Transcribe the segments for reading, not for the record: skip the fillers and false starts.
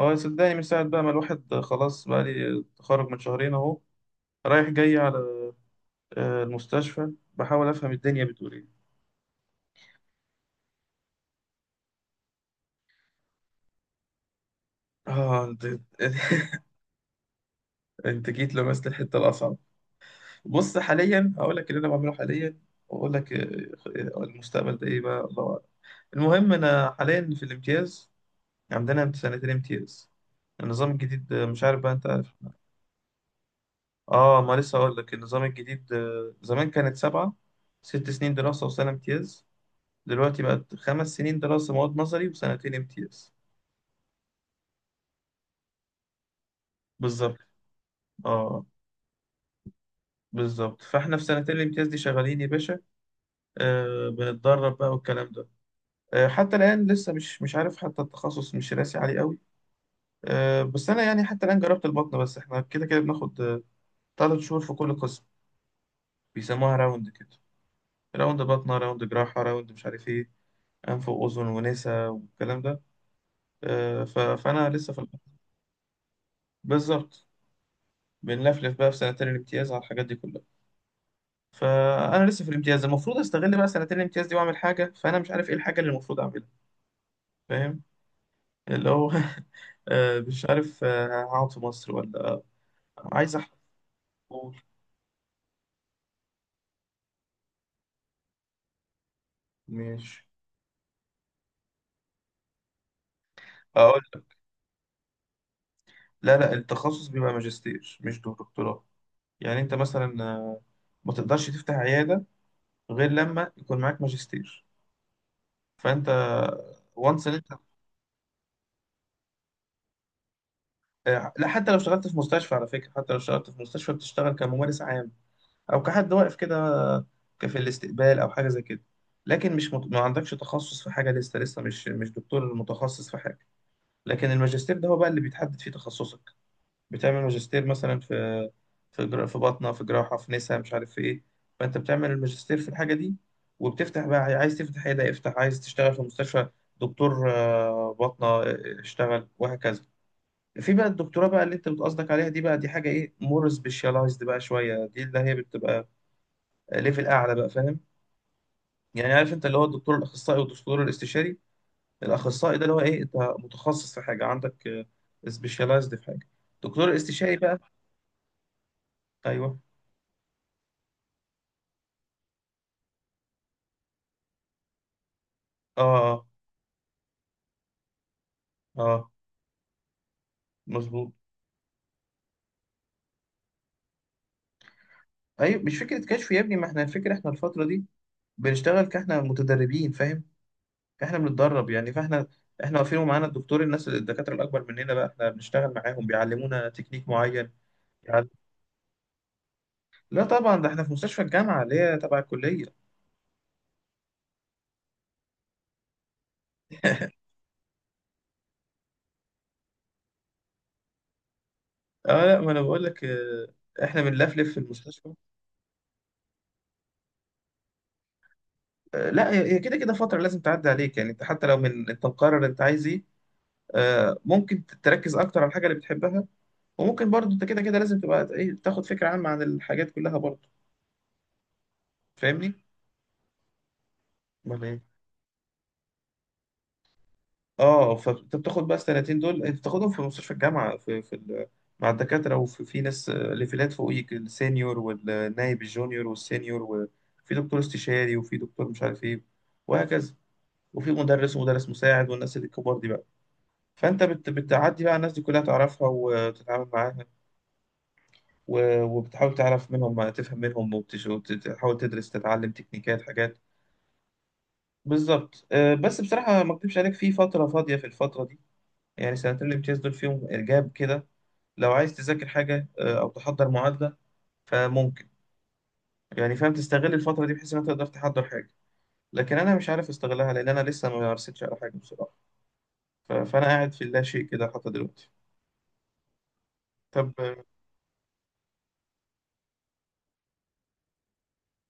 هو صدقني مش ساعد بقى، ما الواحد خلاص بقى لي تخرج من شهرين اهو، رايح جاي على المستشفى بحاول افهم الدنيا بتقول ايه. اه انت. انت جيت لمست الحته الاصعب. بص حاليا هقول لك اللي انا بعمله حاليا، واقول لك المستقبل ده ايه بقى، الله اعلم. المهم انا حاليا في الامتياز، عندنا سنتين امتياز، النظام الجديد. مش عارف بقى، انت عارف؟ اه ما لسه هقول لك النظام الجديد. زمان كانت سبعة، ست سنين دراسة وسنة امتياز، دلوقتي بقت خمس سنين دراسة مواد نظري وسنتين امتياز. بالظبط. اه بالظبط، فاحنا في سنتين الامتياز دي شغالين يا باشا. آه بنتدرب بقى والكلام ده. آه حتى الآن لسه مش عارف، حتى التخصص مش راسي عليه قوي. آه بس أنا يعني حتى الآن جربت البطنة، بس احنا كده كده بناخد تلات شهور في كل قسم، بيسموها راوند كده، راوند بطنة، راوند جراحة، راوند مش عارف ايه، أنف وأذن ونسا والكلام ده. آه، فأنا لسه في البطنة. بالظبط. بنلفلف بقى في سنتين الامتياز على الحاجات دي كلها، فانا لسه في الامتياز، المفروض استغل بقى سنتين الامتياز دي واعمل حاجه، فانا مش عارف ايه الحاجه اللي المفروض اعملها، فاهم؟ اللي هو مش عارف، هقعد في مصر ولا. عايز احضر. قول. ماشي. اقول لك. لا التخصص بيبقى ماجستير مش دكتوراه. يعني انت مثلا ما تقدرش تفتح عياده غير لما يكون معاك ماجستير، فانت. وانس ان انت. لا حتى لو اشتغلت في مستشفى، على فكره حتى لو اشتغلت في مستشفى بتشتغل كممارس عام، او كحد واقف كده في الاستقبال او حاجه زي كده. لكن مش ما عندكش تخصص في حاجه لسه، لسه مش دكتور متخصص في حاجه. لكن الماجستير ده هو بقى اللي بيتحدد فيه تخصصك، بتعمل ماجستير مثلا في في باطنه، في جراحه، في نسا، مش عارف في ايه. فانت بتعمل الماجستير في الحاجه دي، وبتفتح بقى، عايز تفتح عياده افتح، عايز تشتغل في مستشفى دكتور باطنه اشتغل، وهكذا. في بقى الدكتوراه بقى اللي انت بتقصدك عليها دي بقى، دي حاجه ايه، مور سبيشاليزد بقى شويه، دي اللي هي بتبقى ليفل اعلى بقى، فاهم؟ يعني عارف انت اللي هو الدكتور الاخصائي والدكتور الاستشاري، الاخصائي ده اللي هو ايه، انت متخصص في حاجه، عندك سبيشاليزد في حاجه. الدكتور الاستشاري بقى. ايوه. اه اه مظبوط. ايوه مش فكره كشف يا ابني، ما احنا الفكره، احنا الفتره دي بنشتغل كاحنا متدربين، فاهم، احنا بنتدرب يعني. فاحنا احنا واقفين ومعانا الدكتور، الناس الدكاتره الاكبر مننا بقى احنا بنشتغل معاهم، بيعلمونا تكنيك معين. يعني لا طبعا، ده احنا في مستشفى الجامعه اللي هي تبع الكليه. اه لا ما انا بقول لك، احنا بنلفلف في المستشفى. لا هي هي كده كده فتره لازم تعدي عليك، يعني انت حتى لو من انت مقرر انت عايز ايه، ممكن تركز اكتر على الحاجه اللي بتحبها، وممكن برضه انت كده كده لازم تبقى ايه، تاخد فكره عامه عن الحاجات كلها برضه. فاهمني. امال ايه. اه فانت بتاخد بقى السنتين دول، انت بتاخدهم في مستشفى الجامعه في مع الدكاتره، وفي ناس ليفلات فوقيك، السينيور والنايب، الجونيور والسينيور، وفي دكتور استشاري، وفي دكتور مش عارف ايه، وهكذا، وفي مدرس ومدرس مساعد، والناس اللي الكبار دي بقى. فانت بتعدي بقى الناس دي كلها، تعرفها وتتعامل معاها، وبتحاول تعرف منهم، تفهم منهم، وتحاول تدرس، تتعلم تكنيكات حاجات. بالظبط. بس بصراحة ما اكدبش عليك، في فترة فاضية في الفترة دي، يعني سنتين الامتياز دول فيهم إرجاب كده. لو عايز تذاكر حاجة أو تحضر معادلة فممكن، يعني فاهم، تستغل الفترة دي بحيث إن أنت تقدر تحضر حاجة. لكن أنا مش عارف أستغلها، لأن أنا لسه ما مارستش على حاجة بصراحة. فأنا قاعد في اللاشيء كده حتى دلوقتي. طب.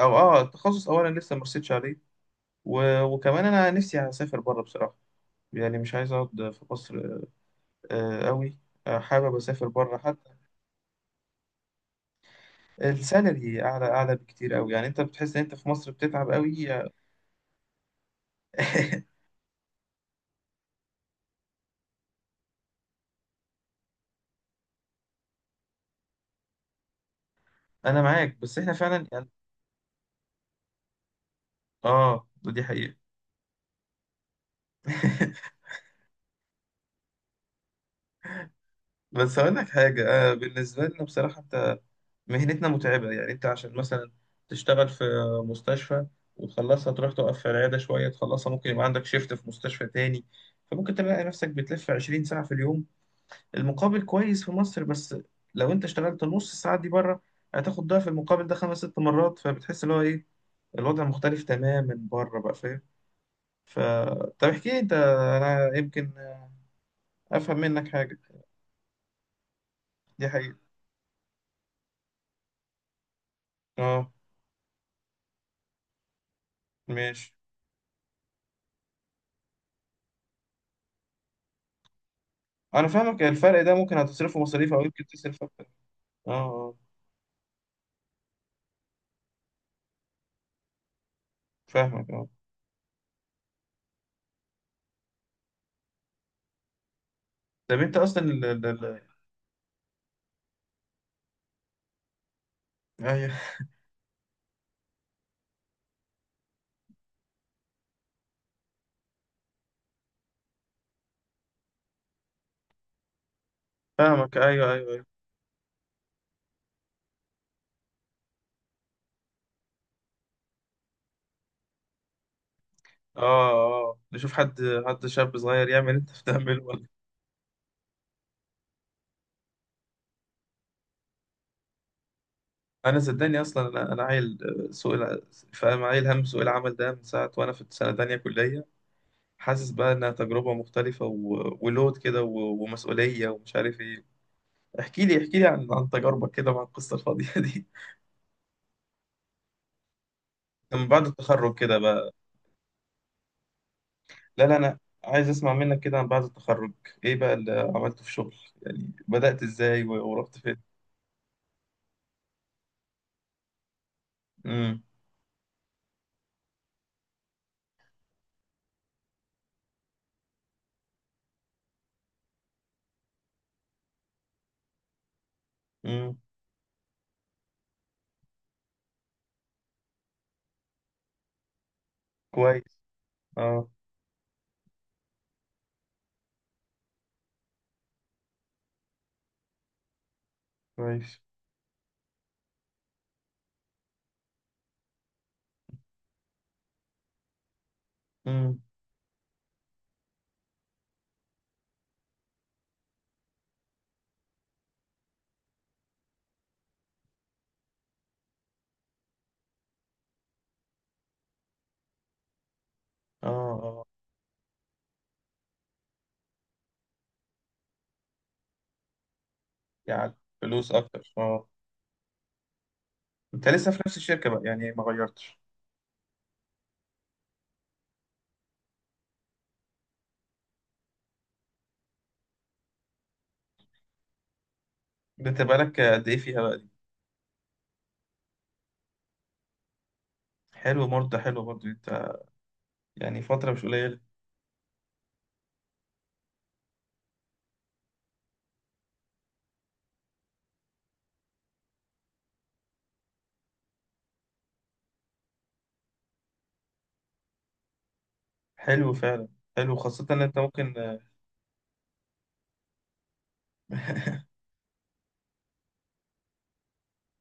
او اه التخصص اولا لسه ما رسيتش عليه. وكمان انا نفسي اسافر بره بصراحه، يعني مش عايز اقعد في مصر قوي. حابب اسافر بره حتى. السالري اعلى، اعلى بكتير قوي، يعني انت بتحس ان انت في مصر بتتعب قوي. انا معاك، بس احنا فعلا يعني. اه دي حقيقه. بس اقول لك حاجه، بالنسبه لنا بصراحه مهنتنا متعبة، يعني أنت عشان مثلا تشتغل في مستشفى وتخلصها، تروح تقف في العيادة شوية تخلصها، ممكن يبقى عندك شيفت في مستشفى تاني، فممكن تلاقي نفسك بتلف 20 ساعة في اليوم. المقابل كويس في مصر، بس لو أنت اشتغلت نص الساعة دي بره هتاخد ضعف المقابل ده خمس ست مرات، فبتحس اللي هو إيه، الوضع مختلف تماما بره بقى، فاهم؟ ف طب احكي لي أنت، أنا يمكن أفهم منك حاجة. دي حقيقة. أه. ماشي. أنا فاهمك، الفرق ده ممكن هتصرفه مصاريف، أو يمكن تصرف أكتر. أه اه. فاهمك اه. طب انت اصلا ايوه. فاهمك، ايوه. اه اه نشوف حد، حد شاب صغير يعمل انت بتعمله ولا. انا صدقني اصلا انا عيل، آه، سوق الع- فاهم، عيل، هم سوق العمل ده من ساعه وانا في سنه تانية كليه. حاسس بقى انها تجربه مختلفه، ولود كده، ومسؤوليه ومش عارف ايه. احكي لي، احكي لي عن تجاربك كده مع القصه الفاضيه دي. من بعد التخرج كده بقى. لا انا عايز اسمع منك كده عن بعد التخرج ايه بقى اللي عملته في شغل، يعني بدأت ازاي ورحت فين. امم. امم. كويس. اه. كويس. امم. اه اه، يعني فلوس اكتر اه. انت لسه في نفس الشركه بقى، يعني ما غيرتش. انت بقالك قد ايه فيها بقى دي. حلو برضه، حلو برضه انت، يعني فتره مش قليله. حلو فعلا، حلو خاصه ان انت ممكن.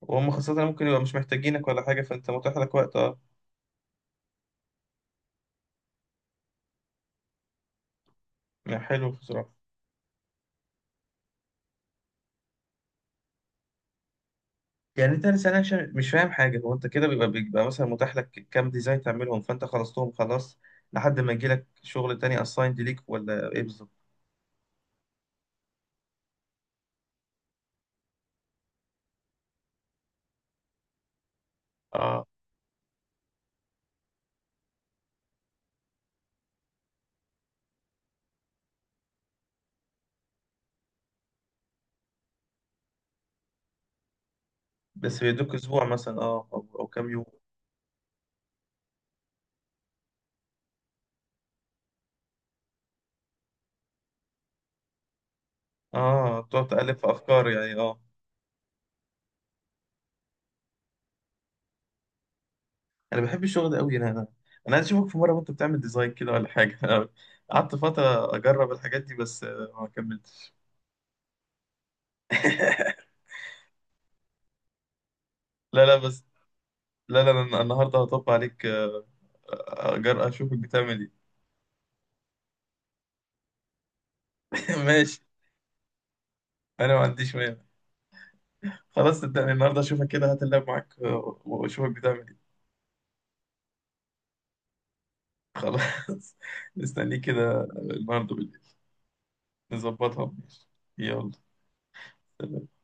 وهم خاصه ممكن يبقى مش محتاجينك ولا حاجه، فانت متاح لك وقت اه. يعني حلو بصراحه. يعني انت لسه، أنا عشان مش فاهم حاجه، هو انت كده بيبقى مثلا متاح لك كام ديزاين تعملهم، فانت خلصتهم خلاص لحد ما يجي لك شغل تاني اسايند ليك، ولا ايه بالظبط. اه بس بيدوك اسبوع مثلا، اه او أو كام يوم. اه تقعد تألف في افكار يعني اه. انا بحب الشغل ده قوي، انا انا عايز اشوفك في مره وانت بتعمل ديزاين كده ولا حاجه. أنا قعدت فتره اجرب الحاجات دي، بس ما كملتش. لا لا بس. لا لا أنا النهارده هطب عليك، اجر اشوفك بتعمل ايه. ماشي، انا ما عنديش مانع. خلاص صدقني النهارده اشوفك كده، هات اللاب معاك، واشوفك بتعمل ايه. خلاص. مستنيك كده النهارده بالليل. نظبطها، ماشي. يلا. سلام.